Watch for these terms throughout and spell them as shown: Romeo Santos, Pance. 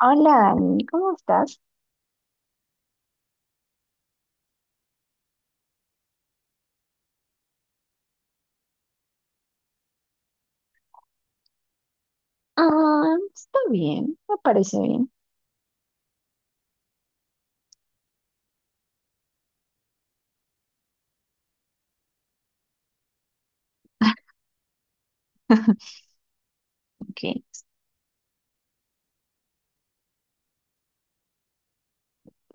Hola Dani, ¿cómo estás? Ah, está bien, me parece bien. Ok, pues,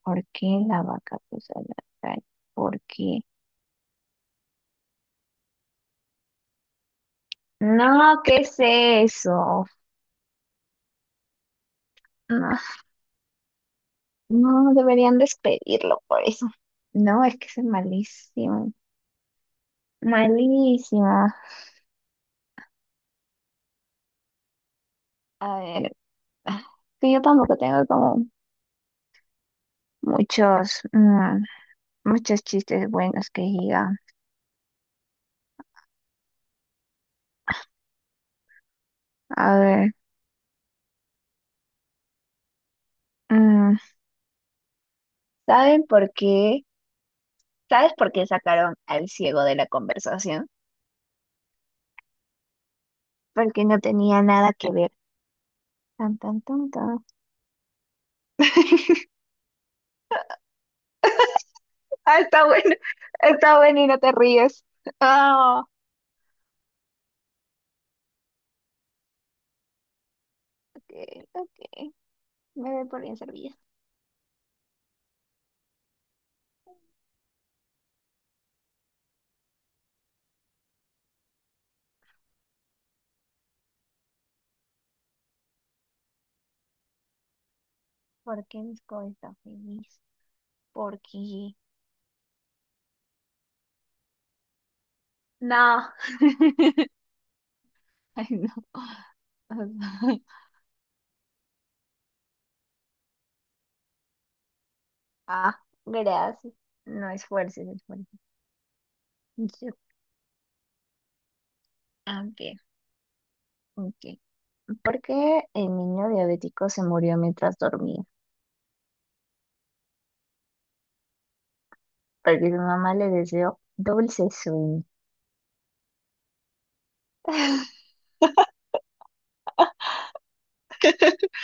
¿por qué la vaca puso la calle? ¿Por qué? No, ¿qué es eso? No, no, deberían despedirlo por eso. No, es que es malísimo, malísima. A ver, ah, que yo tampoco tengo como muchos, muchos chistes buenos que diga. A ver, mm, ¿saben por qué? ¿Sabes por qué sacaron al ciego de la conversación? Porque no tenía nada que ver. Tan, tan, tan, tan. Ah, está bueno. Está bueno y no te ríes. Ah, ok, ok. Me doy por bien servida. ¿Por qué Disco está feliz? Porque... No. Ay, no. Ah, gracias. No esfuerces, no esfuerces. Yo- ah, ok, ok. ¿Por qué el niño diabético se murió mientras dormía? Porque su mamá le deseó dulce sueño.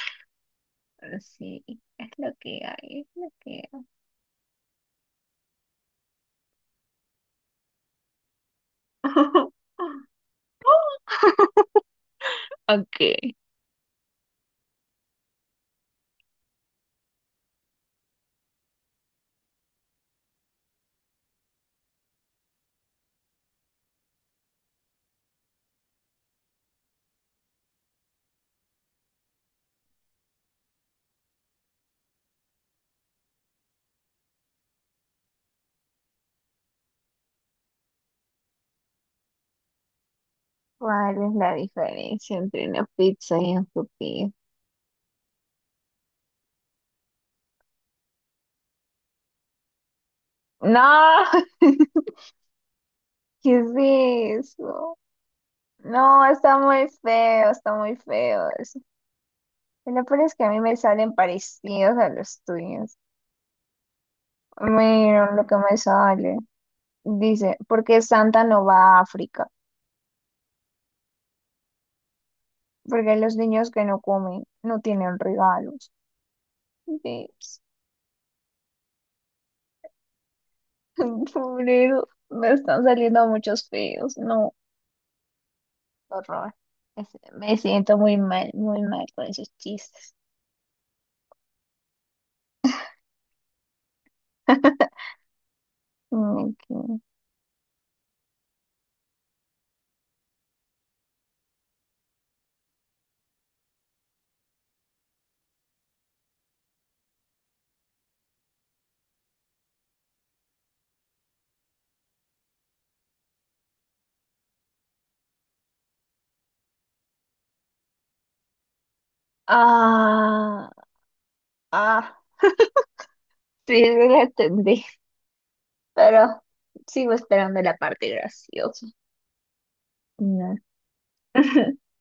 Pero sí, es lo que hay, es lo que hay. Ok. ¿Cuál es la diferencia entre una pizza y un pupí? No, ¿qué es eso? No, está muy feo eso. Y lo peor es que a mí me salen parecidos a los tuyos. Mira lo que me sale. Dice, ¿por qué Santa no va a África? Porque los niños que no comen no tienen regalos. Dios, pobre, me están saliendo muchos feos. No, horror. Es- Me siento muy mal con esos chistes. Ok. Ah, ah, sí, la entendí. Pero sigo esperando la parte graciosa. No.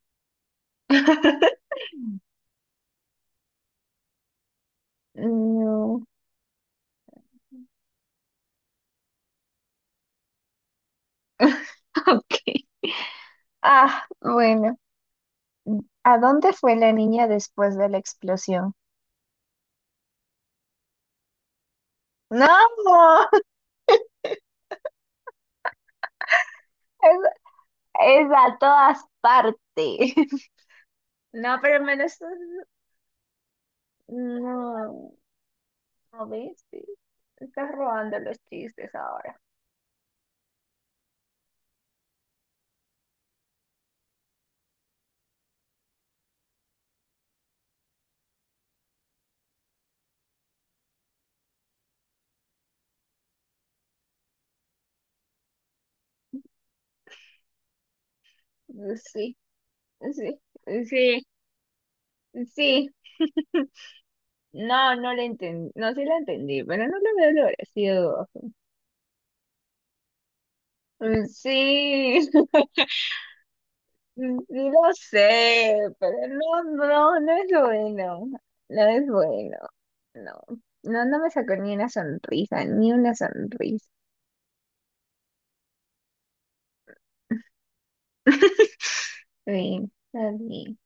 No. Ok. Ah, bueno. ¿A dónde fue la niña después de la explosión? No, es, es a todas partes. No, pero al menos no, no viste. Estás robando los chistes ahora. Sí, sí, sí, sí. No, no lo entendí. No, sí lo entendí, pero no lo veo lo gracioso. Sí, sí lo sé, pero no, no, no es bueno. No es bueno. No, no, no me sacó ni una sonrisa, ni una sonrisa. Sí, está bien.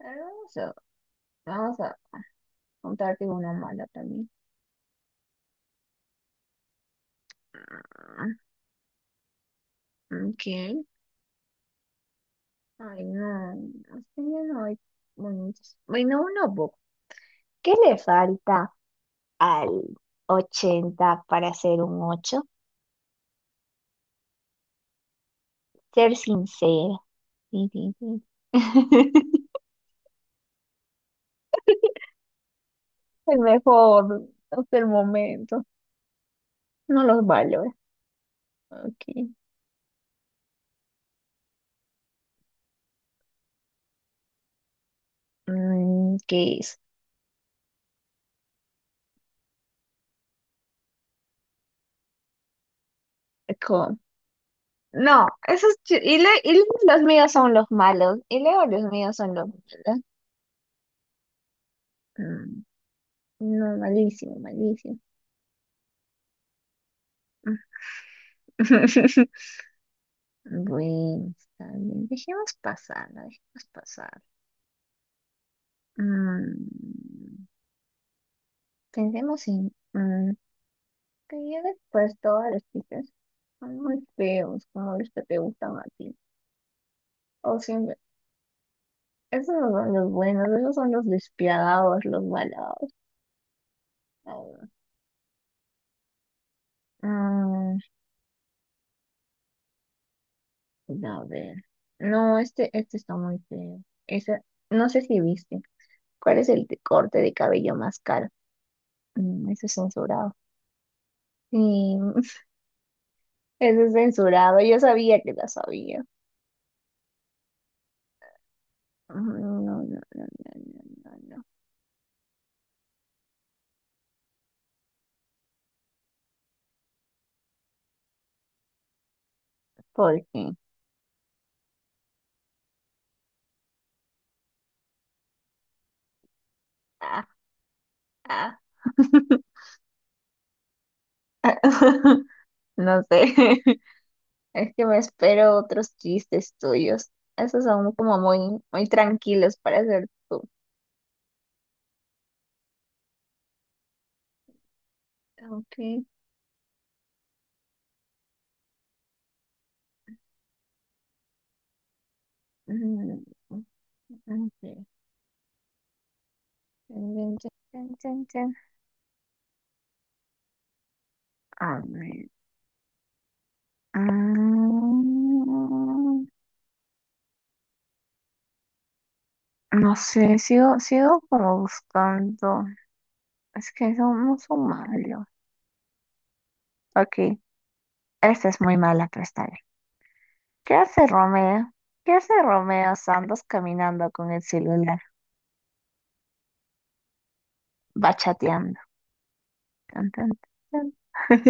A ver, vamos a contarte una mala también. Ah, ok. Ay, no. Es que ya no hay bonitos. Bueno, una boca. ¿Qué le falta al 80 para ser un 8? Ser sincero. Sí, sí, sí. El mejor hasta el momento. No los valora. Ok. ¿Qué es? No, esos chi- y, le, y los míos son los malos. Y luego los míos son los malos. Mm, No, malísimo, malísimo. Bueno, está bien. Dejemos pasar, la dejemos pasar. Mm, pensemos en que ya después todos los chicos son muy feos, como los que te gustan a ti. O siempre, esos no son los buenos, esos son los despiadados, los malos. A ver. No, este está muy feo. Esa, no sé si viste. ¿Cuál es el corte de cabello más caro? Eso es censurado. Sí, eso es censurado. Yo sabía que la sabía. No, no, no, no, no, no, no. ¿Por qué? Ah, ah. No sé. Es que me espero otros chistes tuyos. Esos son como muy, muy tranquilos para ser tú. Ok. Mm, ok. Chan, chan, chan, chan, chan. A ver. mm, no sé, sigo como buscando. Es que somos malos. Ok, esta es muy mala, pero está bien. ¿Qué hace Romeo? ¿Qué hace Romeo Santos caminando con el celular? Va chateando. Tan, tan, tan.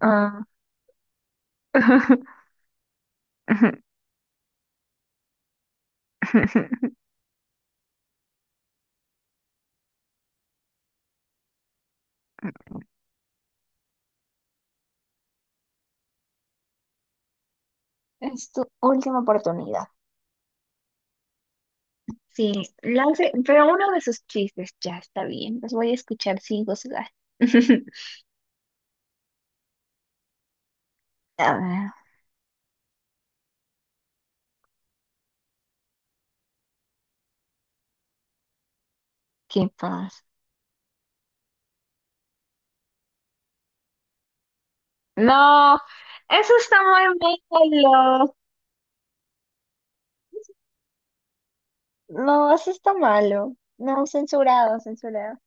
Ah. Es tu última oportunidad. Sí, lance, pero uno de sus chistes ya está bien. Los voy a escuchar sin gozar. A ver, ¿qué pasa? No, eso está muy malo. No, eso está malo. No, censurado, censurado.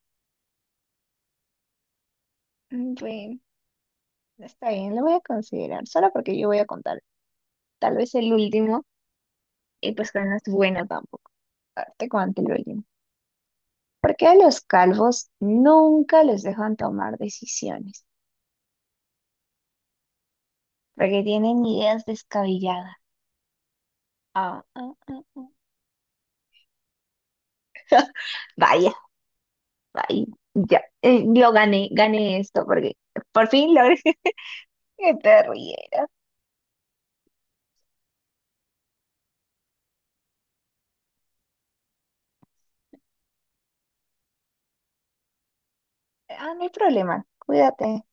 Bueno, está bien, lo voy a considerar. Solo porque yo voy a contar tal vez el último. Y pues que no es bueno tampoco. A ver, te cuento el último. ¿Por qué a los calvos nunca les dejan tomar decisiones? Porque tienen ideas descabelladas. Ah, ah, ah, ah. Vaya, vaya, ya, yo gané, gané esto porque por fin logré que te rieras. Ah, no hay problema, cuídate.